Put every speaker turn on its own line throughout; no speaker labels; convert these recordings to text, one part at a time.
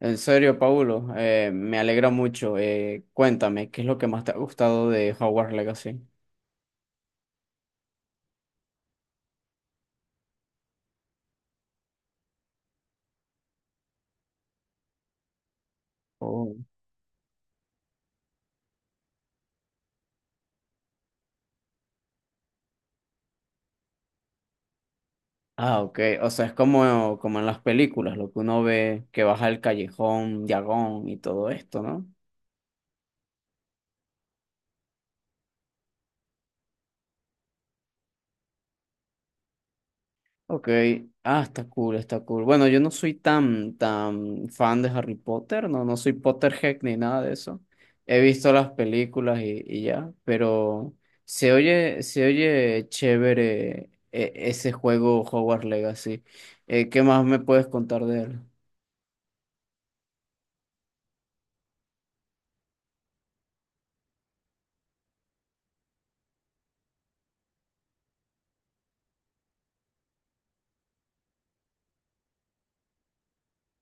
En serio, Paulo, me alegra mucho. Cuéntame, ¿qué es lo que más te ha gustado de Hogwarts Legacy? Oh. Ah, ok. O sea, es como en las películas, lo que uno ve que baja el callejón, Diagon y todo esto, ¿no? Ok, ah, está cool, está cool. Bueno, yo no soy tan, tan fan de Harry Potter, no, no soy Potterhead ni nada de eso. He visto las películas y ya, pero se oye chévere, ese juego Hogwarts Legacy. ¿Qué más me puedes contar de él?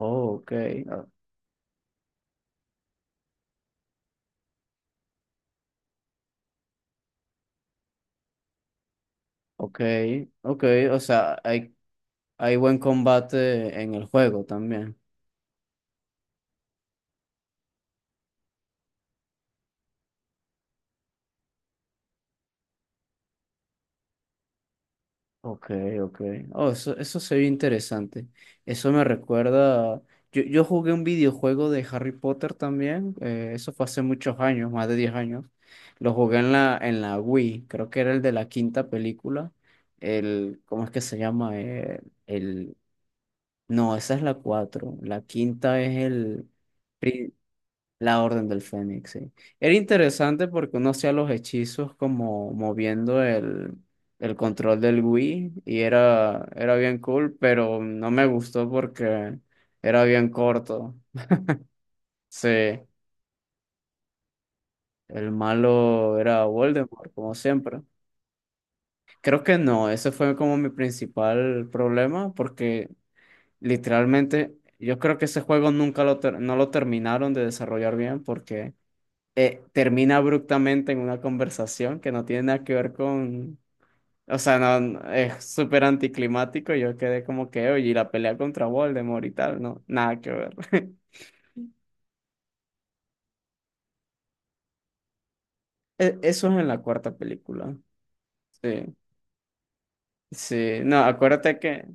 Oh, ok, ah, ok, ok, o sea, hay buen combate en el juego también. Ok, ok. Oh, eso se ve interesante. Eso me recuerda. Yo jugué un videojuego de Harry Potter también. Eso fue hace muchos años, más de 10 años. Lo jugué en la Wii. Creo que era el de la quinta película. ¿Cómo es que se llama? El, no, esa es la 4. La quinta es el. La Orden del Fénix, sí. Era interesante porque uno hacía los hechizos como moviendo el control del Wii y era bien cool, pero no me gustó porque era bien corto. Sí, el malo era Voldemort, como siempre. Creo que no, ese fue como mi principal problema porque literalmente yo creo que ese juego nunca no lo terminaron de desarrollar bien porque. Termina abruptamente en una conversación que no tiene nada que ver con, o sea, es súper anticlimático. Yo quedé como que, oye, y la pelea contra Voldemort y tal, no, nada que ver. Eso es en la cuarta película. Sí, sí, no, acuérdate que,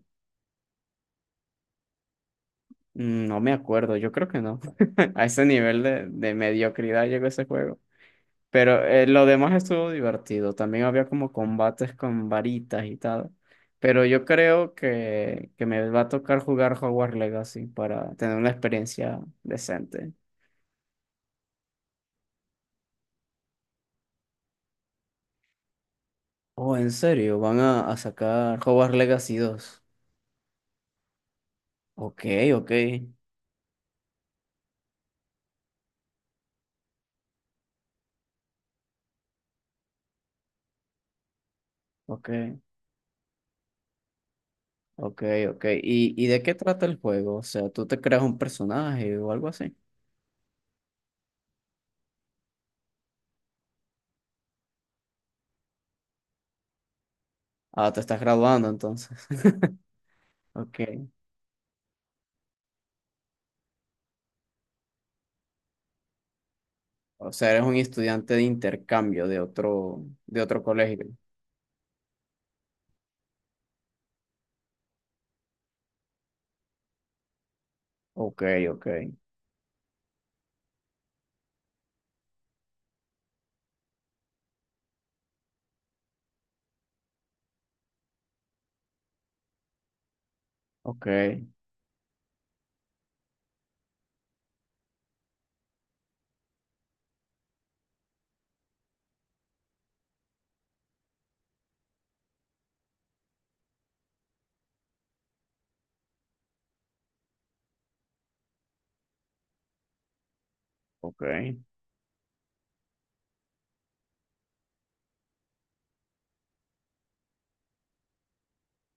no me acuerdo. Yo creo que no. A ese nivel de mediocridad llegó ese juego. Pero lo demás estuvo divertido. También había como combates con varitas y tal. Pero yo creo que me va a tocar jugar Hogwarts Legacy para tener una experiencia decente. Oh, en serio, van a sacar Hogwarts Legacy 2. Ok, ok, ok, ok, ok. ¿Y de qué trata el juego? O sea, ¿tú te creas un personaje o algo así? Ah, te estás graduando entonces. Ok. O sea, eres un estudiante de intercambio de otro colegio. Ok, ok, ok, ok,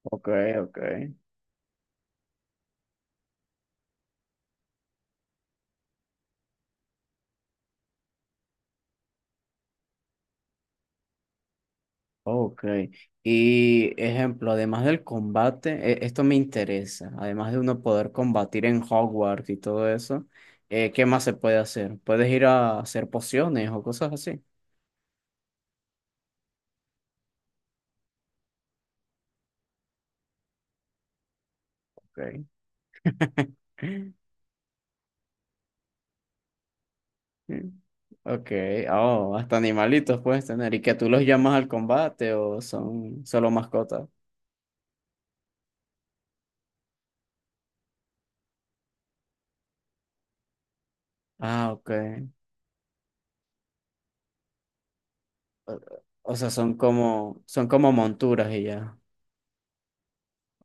ok, ok, ok. Y ejemplo, además del combate, esto me interesa, además de uno poder combatir en Hogwarts y todo eso, ¿qué más se puede hacer? ¿Puedes ir a hacer pociones o cosas así? Ok. Ok, oh, hasta animalitos puedes tener y que tú los llamas al combate o son solo mascotas. Ah, ok. O o sea, son como monturas y ya.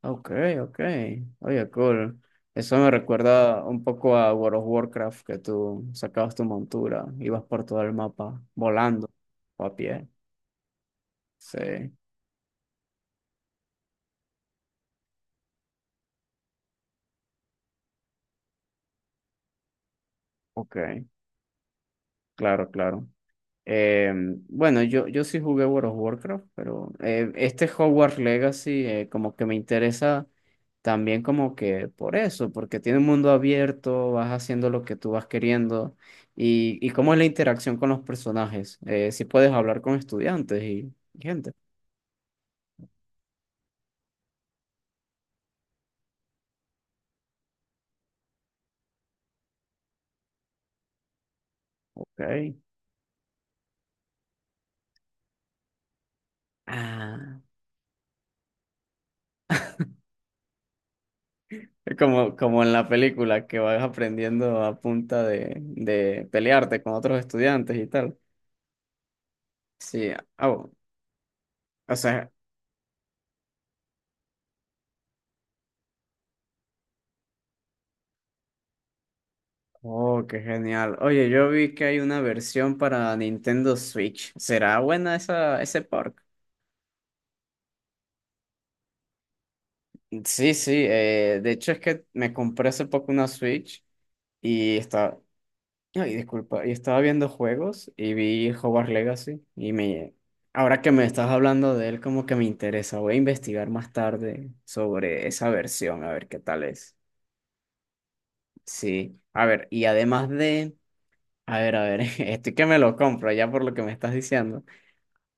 Okay, okay, oye, cool. Eso me recuerda un poco a World of Warcraft, que tú sacabas tu montura, ibas por todo el mapa volando o a pie. Sí, okay, claro, claro. Eh, bueno, yo sí jugué World of Warcraft, pero este Hogwarts Legacy, como que me interesa también como que por eso, porque tiene un mundo abierto, vas haciendo lo que tú vas queriendo y cómo es la interacción con los personajes. Si puedes hablar con estudiantes y gente. Ok. Ah, es como en la película que vas aprendiendo a punta de pelearte con otros estudiantes y tal. Sí, ah, o sea, oh, qué genial. Oye, yo vi que hay una versión para Nintendo Switch. ¿Será buena esa, ese park? Sí, sí. De hecho, es que me compré hace poco una Switch y estaba. Ay, disculpa. Y estaba viendo juegos y vi Hogwarts Legacy. Y me. Ahora que me estás hablando de él, como que me interesa. Voy a investigar más tarde sobre esa versión, a ver qué tal es. Sí. A ver, y además de. A ver, a ver. Estoy que me lo compro ya por lo que me estás diciendo.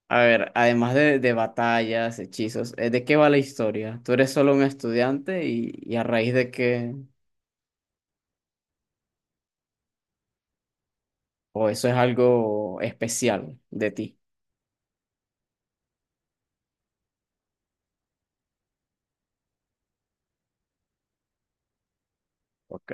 A ver, además de batallas, hechizos, ¿de qué va la historia? ¿Tú eres solo un estudiante y a raíz de qué? O eso es algo especial de ti. Ok,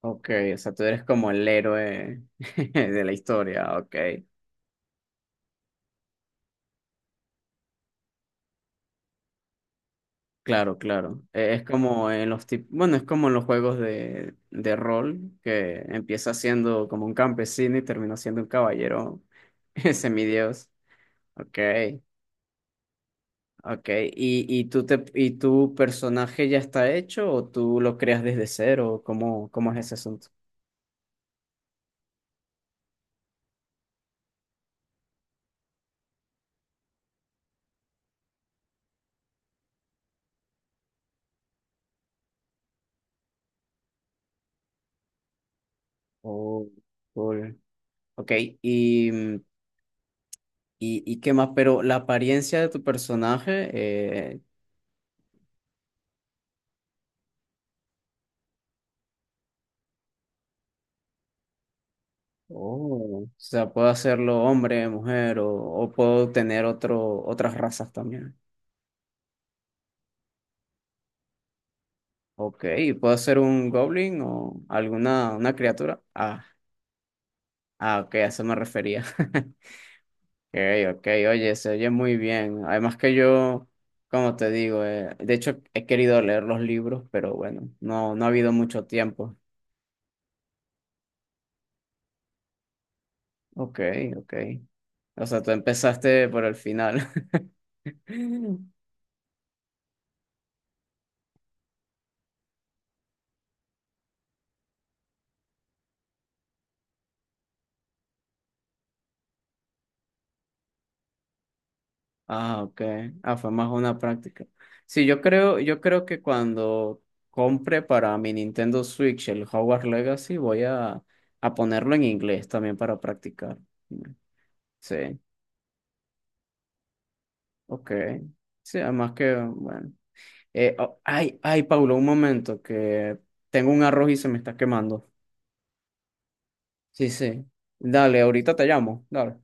ok, o sea, tú eres como el héroe de la historia, ok. Claro, claro. Es como en los tip- bueno, es como en los juegos de rol, que empieza siendo como un campesino y termina siendo un caballero semidios. Ok. Ok, y tu personaje ya está hecho o tú lo creas desde cero? ¿Cómo es ese asunto? Oh, cool. Ok, y, mm, y qué más, pero la apariencia de tu personaje, eh, oh. O sea, puedo hacerlo hombre, mujer o puedo tener otras razas también. Ok, ¿y puedo ser un goblin o alguna una criatura? Ah, ok, a eso me refería. Okay, ok, oye, se oye muy bien. Además que yo, como te digo, de hecho he querido leer los libros, pero bueno, no, no ha habido mucho tiempo. Ok, ok. O sea, tú empezaste por el final. Ah, ok. Ah, fue más una práctica. Sí, yo creo que cuando compre para mi Nintendo Switch el Hogwarts Legacy, voy a ponerlo en inglés también para practicar. Sí, ok. Sí, además que, bueno. Oh, ay, ay, Paulo, un momento, que tengo un arroz y se me está quemando. Sí, sí. Dale, ahorita te llamo. Dale.